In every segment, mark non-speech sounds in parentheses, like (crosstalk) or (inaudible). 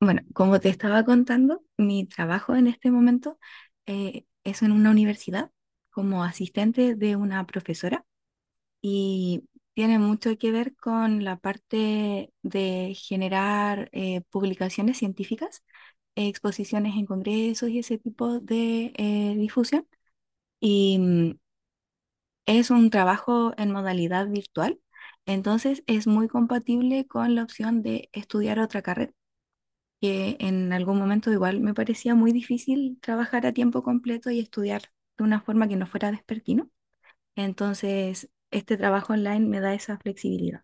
Bueno, como te estaba contando, mi trabajo en este momento es en una universidad como asistente de una profesora y tiene mucho que ver con la parte de generar publicaciones científicas, exposiciones en congresos y ese tipo de difusión. Y mm, es un trabajo en modalidad virtual, entonces es muy compatible con la opción de estudiar otra carrera que en algún momento igual me parecía muy difícil trabajar a tiempo completo y estudiar de una forma que no fuera despertino. Entonces, este trabajo online me da esa flexibilidad.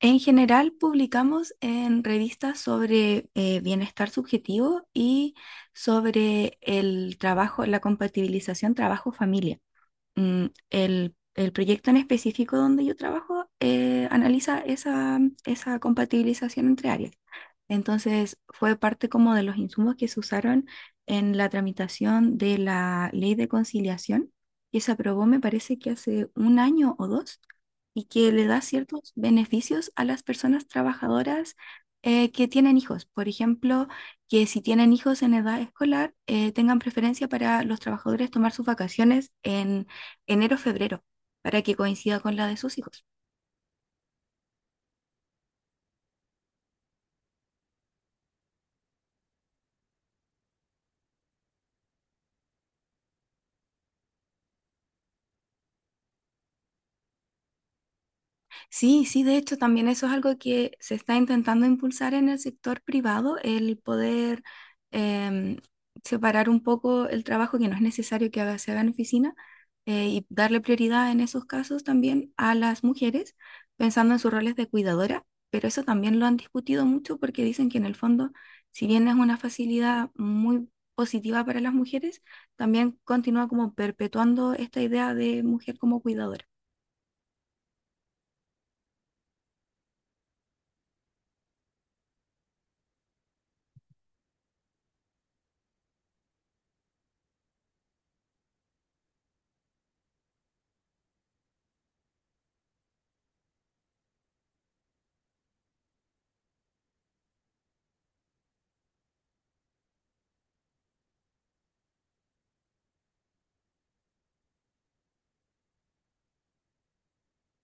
En general, publicamos en revistas sobre bienestar subjetivo y sobre el trabajo, la compatibilización trabajo-familia. El proyecto en específico donde yo trabajo analiza esa, esa compatibilización entre áreas. Entonces, fue parte como de los insumos que se usaron en la tramitación de la ley de conciliación, que se aprobó, me parece que hace un año o dos, y que le da ciertos beneficios a las personas trabajadoras que tienen hijos. Por ejemplo, que si tienen hijos en edad escolar, tengan preferencia para los trabajadores tomar sus vacaciones en enero-febrero, para que coincida con la de sus hijos. Sí, sí, de hecho, también eso es algo que se está intentando impulsar en el sector privado, el poder em, separar un poco el trabajo que no es necesario que se haga en oficina y darle prioridad en esos casos también a las mujeres, pensando en sus roles de cuidadora, pero eso también lo han discutido mucho porque dicen que en el fondo, si bien es una facilidad muy positiva para las mujeres, también continúa como perpetuando esta idea de mujer como cuidadora.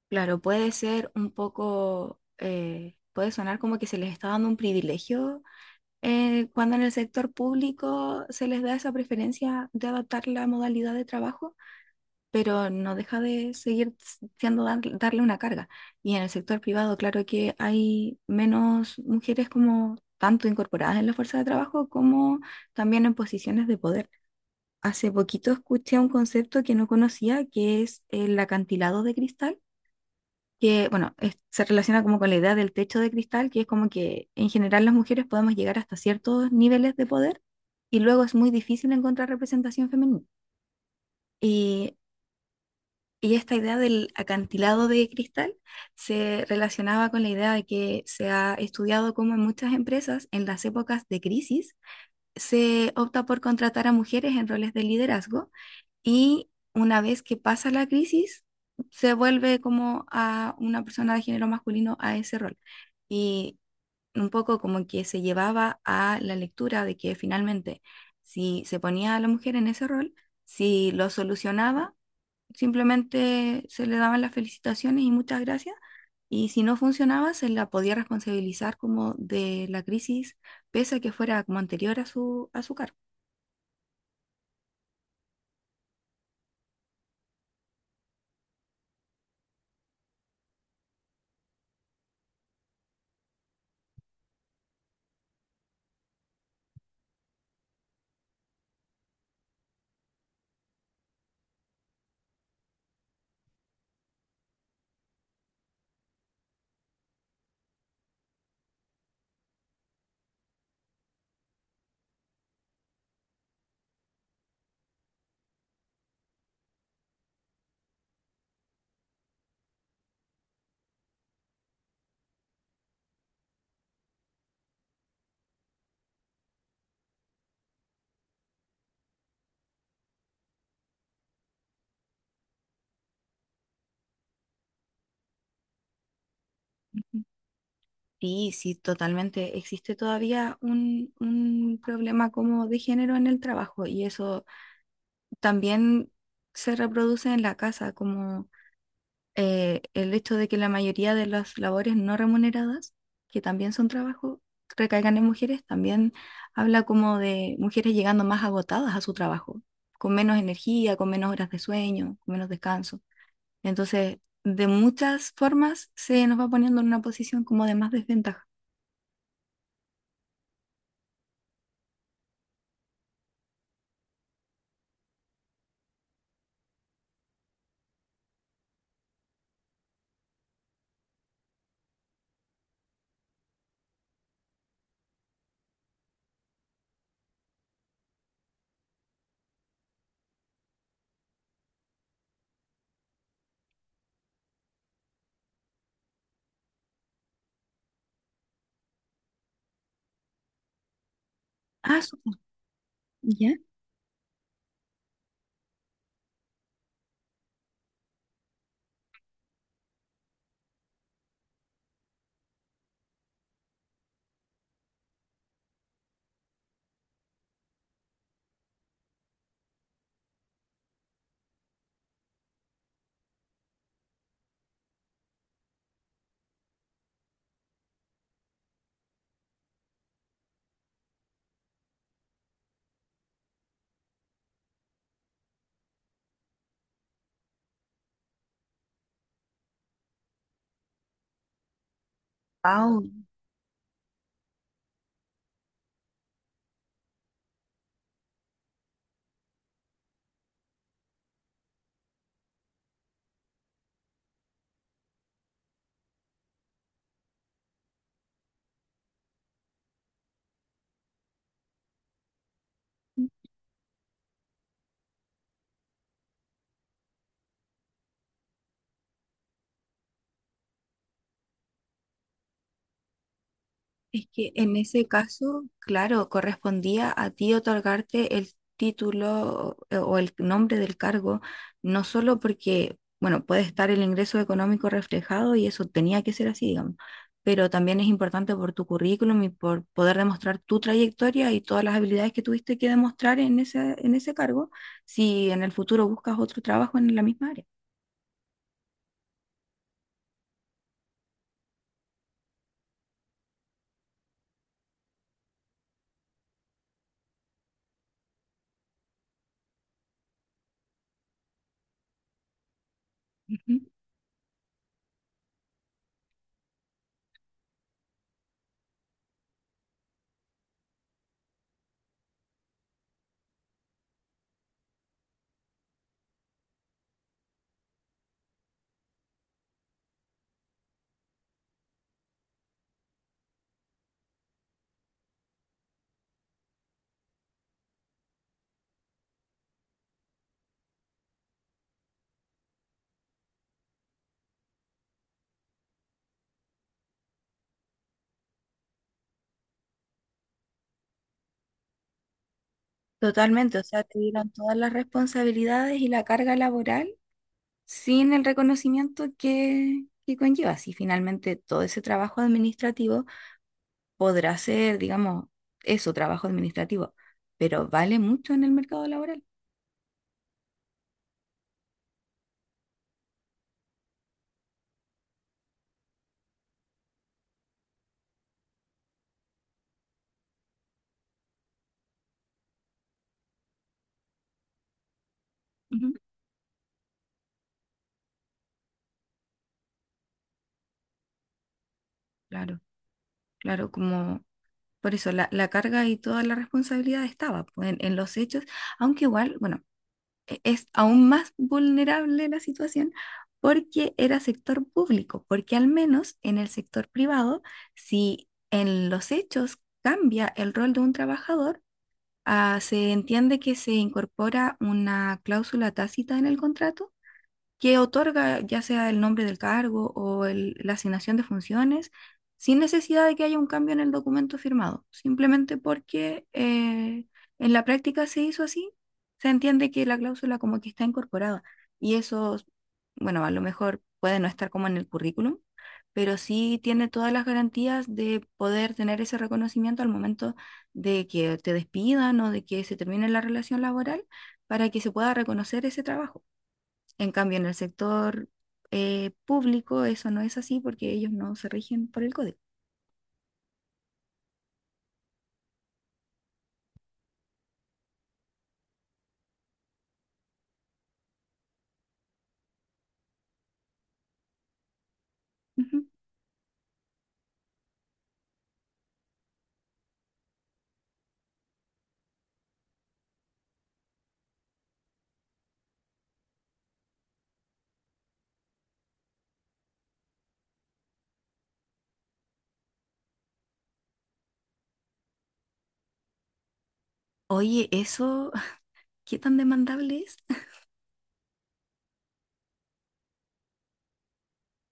Claro, puede ser un poco, puede sonar como que se les está dando un privilegio cuando en el sector público se les da esa preferencia de adaptar la modalidad de trabajo, pero no deja de seguir siendo darle una carga. Y en el sector privado, claro que hay menos mujeres como tanto incorporadas en la fuerza de trabajo como también en posiciones de poder. Hace poquito escuché un concepto que no conocía, que es el acantilado de cristal que, bueno, se relaciona como con la idea del techo de cristal, que es como que en general las mujeres podemos llegar hasta ciertos niveles de poder y luego es muy difícil encontrar representación femenina. Y, y esta idea del acantilado de cristal se relacionaba con la idea de que se ha estudiado cómo en muchas empresas, en las épocas de crisis, se opta por contratar a mujeres en roles de liderazgo y una vez que pasa la crisis, se vuelve como a una persona de género masculino a ese rol. Y un poco como que se llevaba a la lectura de que finalmente, si se ponía a la mujer en ese rol, si lo solucionaba, simplemente se le daban las felicitaciones y muchas gracias. Y si no funcionaba, se la podía responsabilizar como de la crisis, pese a que fuera como anterior a su cargo. Sí, sí, totalmente. Existe todavía un problema como de género en el trabajo y eso también se reproduce en la casa, como el hecho de que la mayoría de las labores no remuneradas, que también son trabajo, recaigan en mujeres, también habla como de mujeres llegando más agotadas a su trabajo, con menos energía, con menos horas de sueño, con menos descanso. Entonces, de muchas formas se nos va poniendo en una posición como de más desventaja. Ah, súper. Au, es que en ese caso, claro, correspondía a ti otorgarte el título o el nombre del cargo, no solo porque, bueno, puede estar el ingreso económico reflejado y eso tenía que ser así, digamos, pero también es importante por tu currículum y por poder demostrar tu trayectoria y todas las habilidades que tuviste que demostrar en ese cargo, si en el futuro buscas otro trabajo en la misma área. Ujú. Totalmente, o sea, te dieron todas las responsabilidades y la carga laboral sin el reconocimiento que conlleva. Si finalmente todo ese trabajo administrativo podrá ser, digamos, eso, trabajo administrativo, pero vale mucho en el mercado laboral. Ujú. Claro, claro, como por eso la carga y toda la responsabilidad estaba pues, en los hechos, aunque igual, bueno, es aún más vulnerable la situación porque era sector público, porque al menos en el sector privado, si en los hechos cambia el rol de un trabajador, ah, se entiende que se incorpora una cláusula tácita en el contrato que otorga ya sea el nombre del cargo o la asignación de funciones, sin necesidad de que haya un cambio en el documento firmado, simplemente porque en la práctica se hizo así, se entiende que la cláusula como que está incorporada y eso, bueno, a lo mejor puede no estar como en el currículum, pero sí tiene todas las garantías de poder tener ese reconocimiento al momento de que te despidan o de que se termine la relación laboral para que se pueda reconocer ese trabajo. En cambio, en el sector público eso no es así porque ellos no se rigen por el código. Ujú. Oye, ¿eso (laughs) qué tan demandable es? (laughs)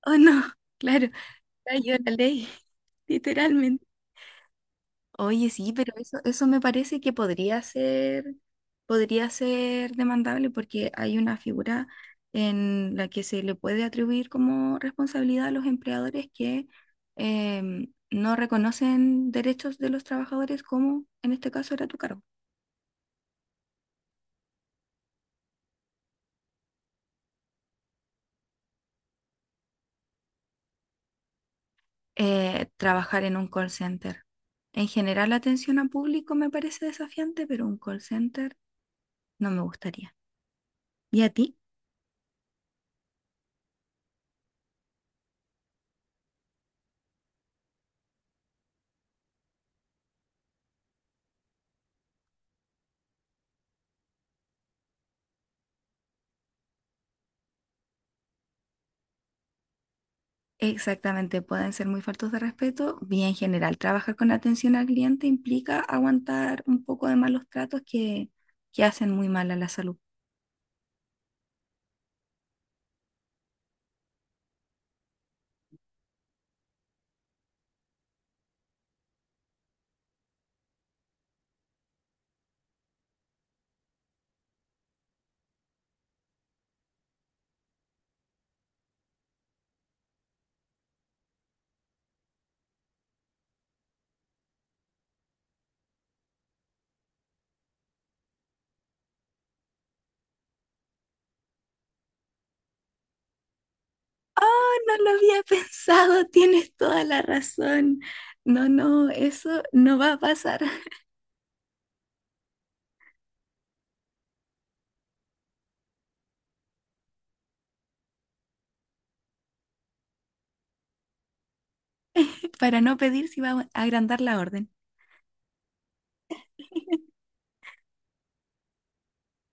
Oh, no, claro, cayó la ley, (laughs) literalmente. Oye, sí, pero eso me parece que podría ser demandable porque hay una figura en la que se le puede atribuir como responsabilidad a los empleadores que no reconocen derechos de los trabajadores, como en este caso era tu cargo. Eh, trabajar en un call center. En general, la atención a público me parece desafiante, pero un call center no me gustaría. ¿Y a ti? Exactamente, pueden ser muy faltos de respeto. Bien general, trabajar con atención al cliente implica aguantar un poco de malos tratos que hacen muy mal a la salud. Oh, no lo había (laughs) pensado, tienes toda la razón. No, no, eso no va a pasar. (laughs) Para no pedir, si va a agrandar la orden.